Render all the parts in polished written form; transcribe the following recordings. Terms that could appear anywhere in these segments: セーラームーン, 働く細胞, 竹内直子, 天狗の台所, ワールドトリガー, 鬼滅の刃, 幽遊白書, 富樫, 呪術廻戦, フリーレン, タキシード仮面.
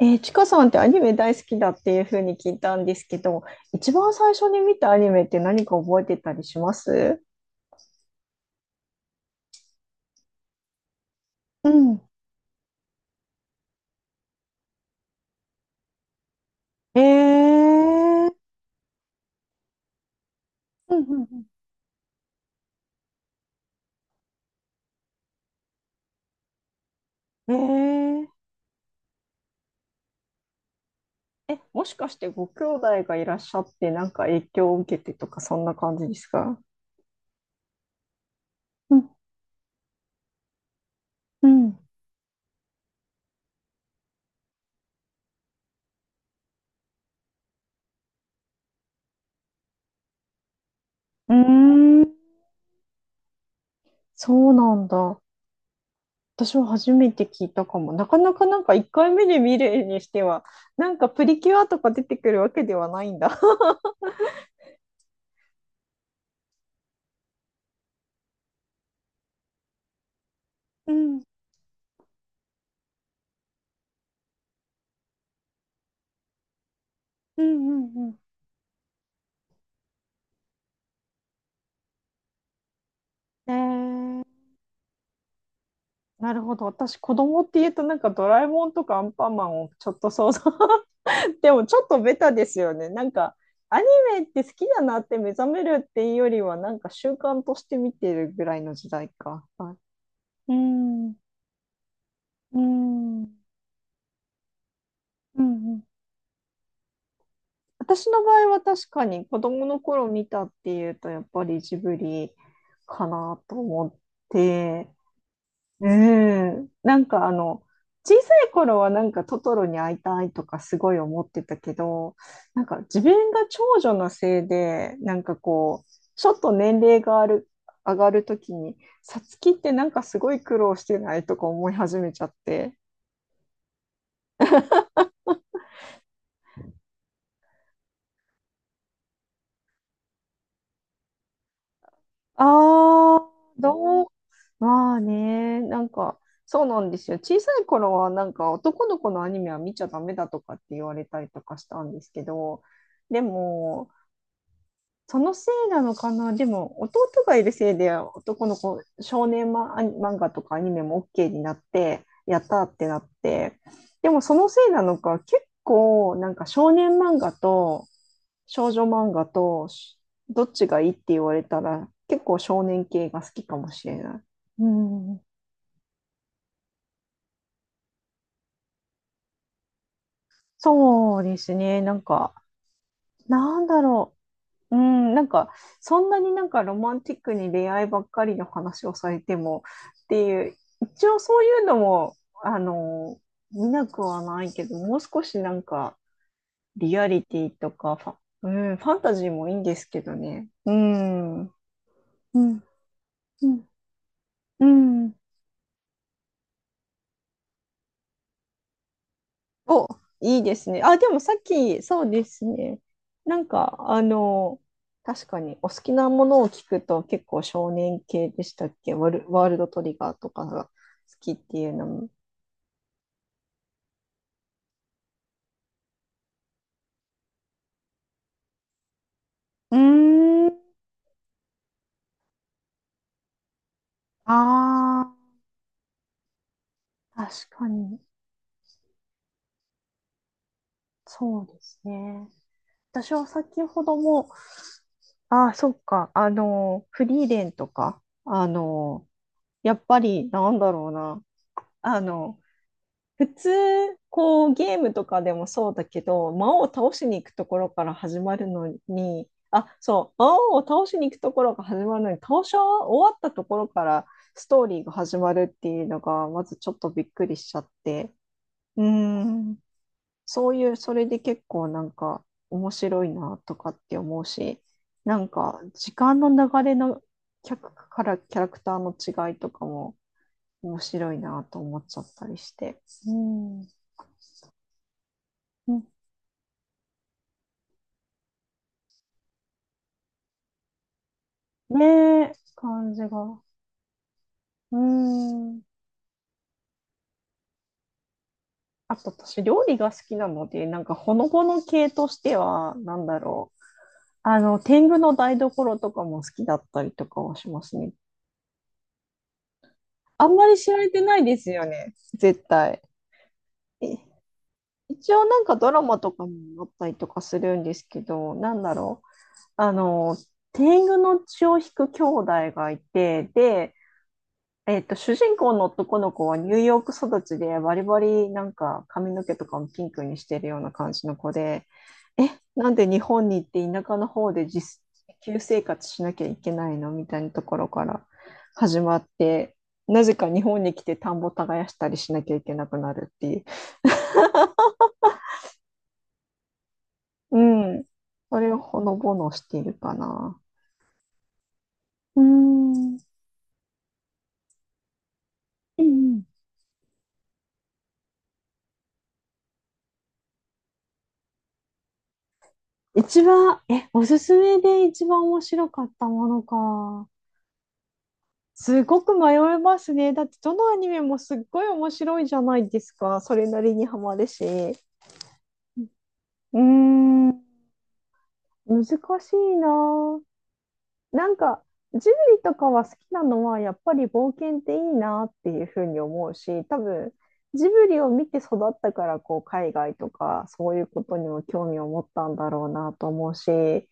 ちかさんってアニメ大好きだっていうふうに聞いたんですけど、一番最初に見たアニメって何か覚えてたりします？うん。えー、うんうんうん。え、もしかしてご兄弟がいらっしゃってなんか影響を受けてとかそんな感じですか？うんうんうーん、そうなんだ。私は初めて聞いたかも。なかなかなんか1回目で見るにしては、なんかプリキュアとか出てくるわけではないんだ。うんうんうんうん。えー、なるほど。私、子供って言うと、なんかドラえもんとかアンパンマンをちょっと想像。でも、ちょっとベタですよね。なんか、アニメって好きだなって目覚めるっていうよりは、なんか習慣として見てるぐらいの時代か。はい。うんうんうんうん。私の場合は確かに子供の頃見たっていうとやっぱりジブリかなと思って、うん。なんか小さい頃はなんかトトロに会いたいとかすごい思ってたけど、なんか自分が長女のせいで、なんかこう、ちょっと年齢がある、上がるときに、さつきってなんかすごい苦労してないとか思い始めちゃって。ああ、どう、まあね、なんか、そうなんですよ。小さい頃は、なんか、男の子のアニメは見ちゃダメだとかって言われたりとかしたんですけど、でも、そのせいなのかな。でも、弟がいるせいで、男の子、少年マ漫画とかアニメも OK になって、やったーってなって、でもそのせいなのか、結構、なんか少年漫画と少女漫画と、どっちがいいって言われたら、結構少年系が好きかもしれない。うん、そうですね。なんか、なんだろう。うん、なんか、そんなになんかロマンティックに恋愛ばっかりの話をされてもっていう、一応そういうのも、あの、見なくはないけど、もう少しなんか、リアリティとかうん、ファンタジーもいいんですけどね。うん。うん。うん。うん。お、いいですね。あ、でもさっき、そうですね。なんか、確かに、お好きなものを聞くと結構少年系でしたっけ、ワールドトリガーとかが好きっていうのも。うーん。ああ、確かに。そうですね。私は先ほども、ああ、そっか。フリーレンとか、やっぱり、なんだろうな。あの、普通、こう、ゲームとかでもそうだけど、魔王を倒しに行くところから始まるのに、あ、そう、魔王を倒しに行くところが始まるのに、倒し終わったところからストーリーが始まるっていうのが、まずちょっとびっくりしちゃって、うーん、そういう、それで結構なんか面白いなとかって思うし、なんか時間の流れの客からキャラクターの違いとかも面白いなと思っちゃったりして。うん。ねえ、感じが。うーん。あと私、料理が好きなので、なんかほのぼの系としては、なんだろう。天狗の台所とかも好きだったりとかはしますね。あんまり知られてないですよね、絶対。え一応なんかドラマとかもあったりとかするんですけど、なんだろう。あの、天狗の血を引く兄弟がいて、で、主人公の男の子はニューヨーク育ちでバリバリなんか髪の毛とかもピンクにしてるような感じの子で、え、なんで日本に行って田舎の方で旧生活しなきゃいけないのみたいなところから始まって、なぜか日本に来て田んぼ耕したりしなきゃいけなくなるっていう。うん。それをほのぼのしているかな。うーん。うんうん。一番、おすすめで一番面白かったものか。すごく迷いますね。だってどのアニメもすっごい面白いじゃないですか。それなりにハマるし。うーん、難しいなぁ。なんか、ジブリとかは好きなのは、やっぱり冒険っていいなっていうふうに思うし、多分、ジブリを見て育ったから、こう、海外とか、そういうことにも興味を持ったんだろうなと思うし、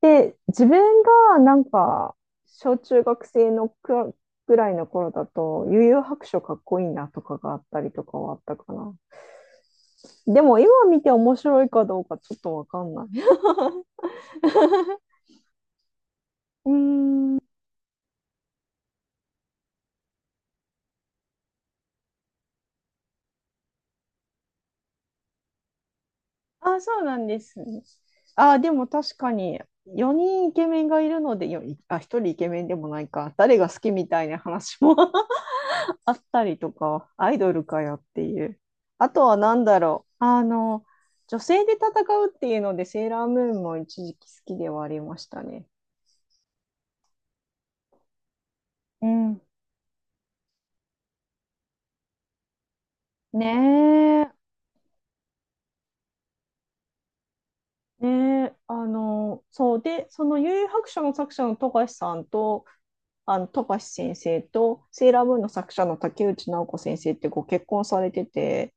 で、自分がなんか、小中学生のぐらいの頃だと、幽遊白書かっこいいなとかがあったりとかはあったかな。でも今見て面白いかどうかちょっとわかんない。うーん、あ、そうなんですね。あ、でも確かに4人イケメンがいるので、あ、1人イケメンでもないか、誰が好きみたいな話も あったりとか、アイドルかよっていう。あとは何だろう。女性で戦うっていうので、セーラームーンも一時期好きではありましたね。うん。ねえ。ねえ、そう。で、その幽遊白書の作者の富樫さんと、あの富樫先生とセーラームーンの作者の竹内直子先生ってご結婚されてて、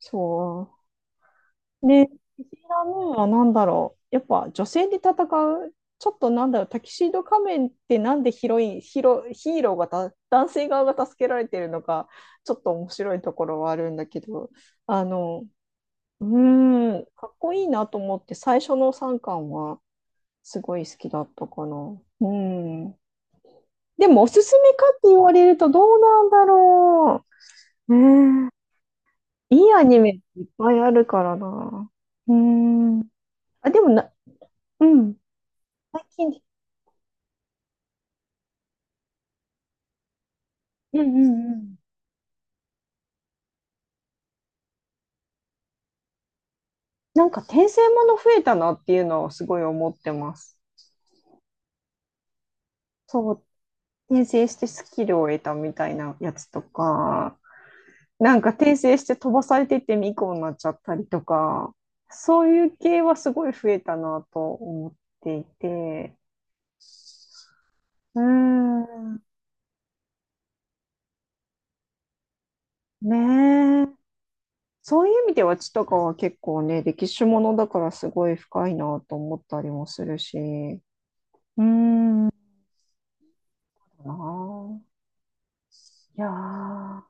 そうで、テキシーラムーンは何だろう。やっぱ女性で戦う、ちょっとなんだろう、タキシード仮面ってなんでヒロイン、ヒーローがた男性側が助けられてるのか、ちょっと面白いところはあるんだけど、あの、うーん、かっこいいなと思って、最初の3巻はすごい好きだったかな。うん。でも、おすすめかって言われるとどうなんだろう。ねえいいアニメいっぱいあるからな。うーん。あ、でもな、うん。最近、うんうんうん。なんか転生もの増えたなっていうのはすごい思ってます。そう、転生してスキルを得たみたいなやつとか、なんか転生して飛ばされてって巫女になっちゃったりとか、そういう系はすごい増えたなと思っていて、うーん、ねえ。そういう意味では血とかは結構ね、歴史ものだからすごい深いなと思ったりもするし、うーん、かなあ。いやー。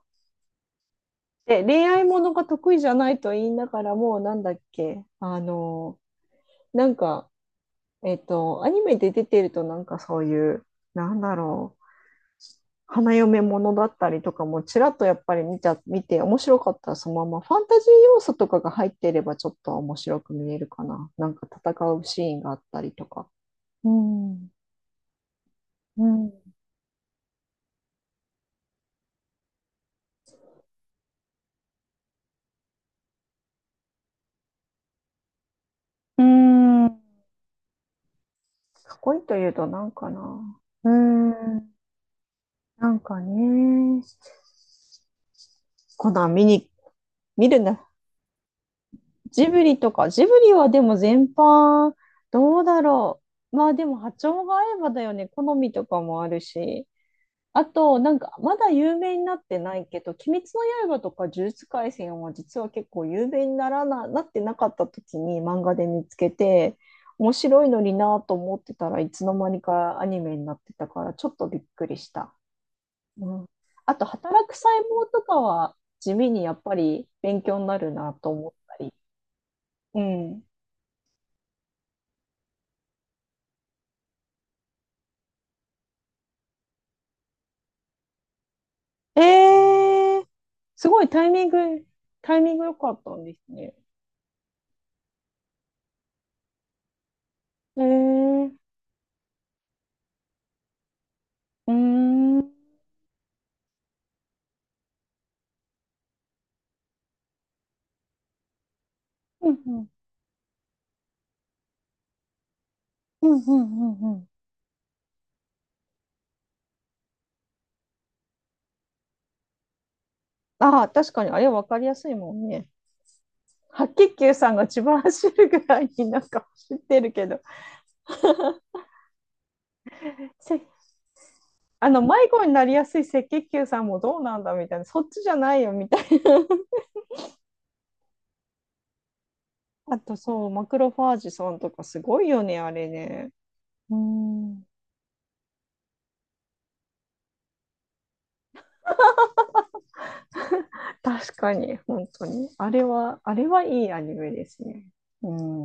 で、恋愛ものが得意じゃないと言いながらも、なんだっけ、なんか、アニメで出てると、なんかそういう、なんだろう、花嫁ものだったりとかも、ちらっとやっぱり見て、面白かったらそのまま、ファンタジー要素とかが入っていれば、ちょっと面白く見えるかな。なんか戦うシーンがあったりとか。うん。うん。うん。かっこいいというと、なんかな。うんなんかね、コナン見るな。ジブリとか、ジブリはでも全般、どうだろう。まあでも波長が合えばだよね。好みとかもあるし。あと、なんか、まだ有名になってないけど、鬼滅の刃とか呪術廻戦は実は結構有名になってなかった時に漫画で見つけて、面白いのになぁと思ってたらいつの間にかアニメになってたから、ちょっとびっくりした。うん、あと、働く細胞とかは地味にやっぱり勉強になるなと思ったり。うん。えー、すごいタイミング良かったんですね。えー、うーん。うんうん。うんうんうんうん。ああ、確かにあれ分かりやすいもんね。白血球さんが千葉走るぐらいになんか走ってるけど、せあの迷子になりやすい赤血球さんもどうなんだみたいな、そっちじゃないよみたいな。あとそう、マクロファージさんとかすごいよね、あれね。うん。確かに、本当に。あれはいいアニメですね。うん。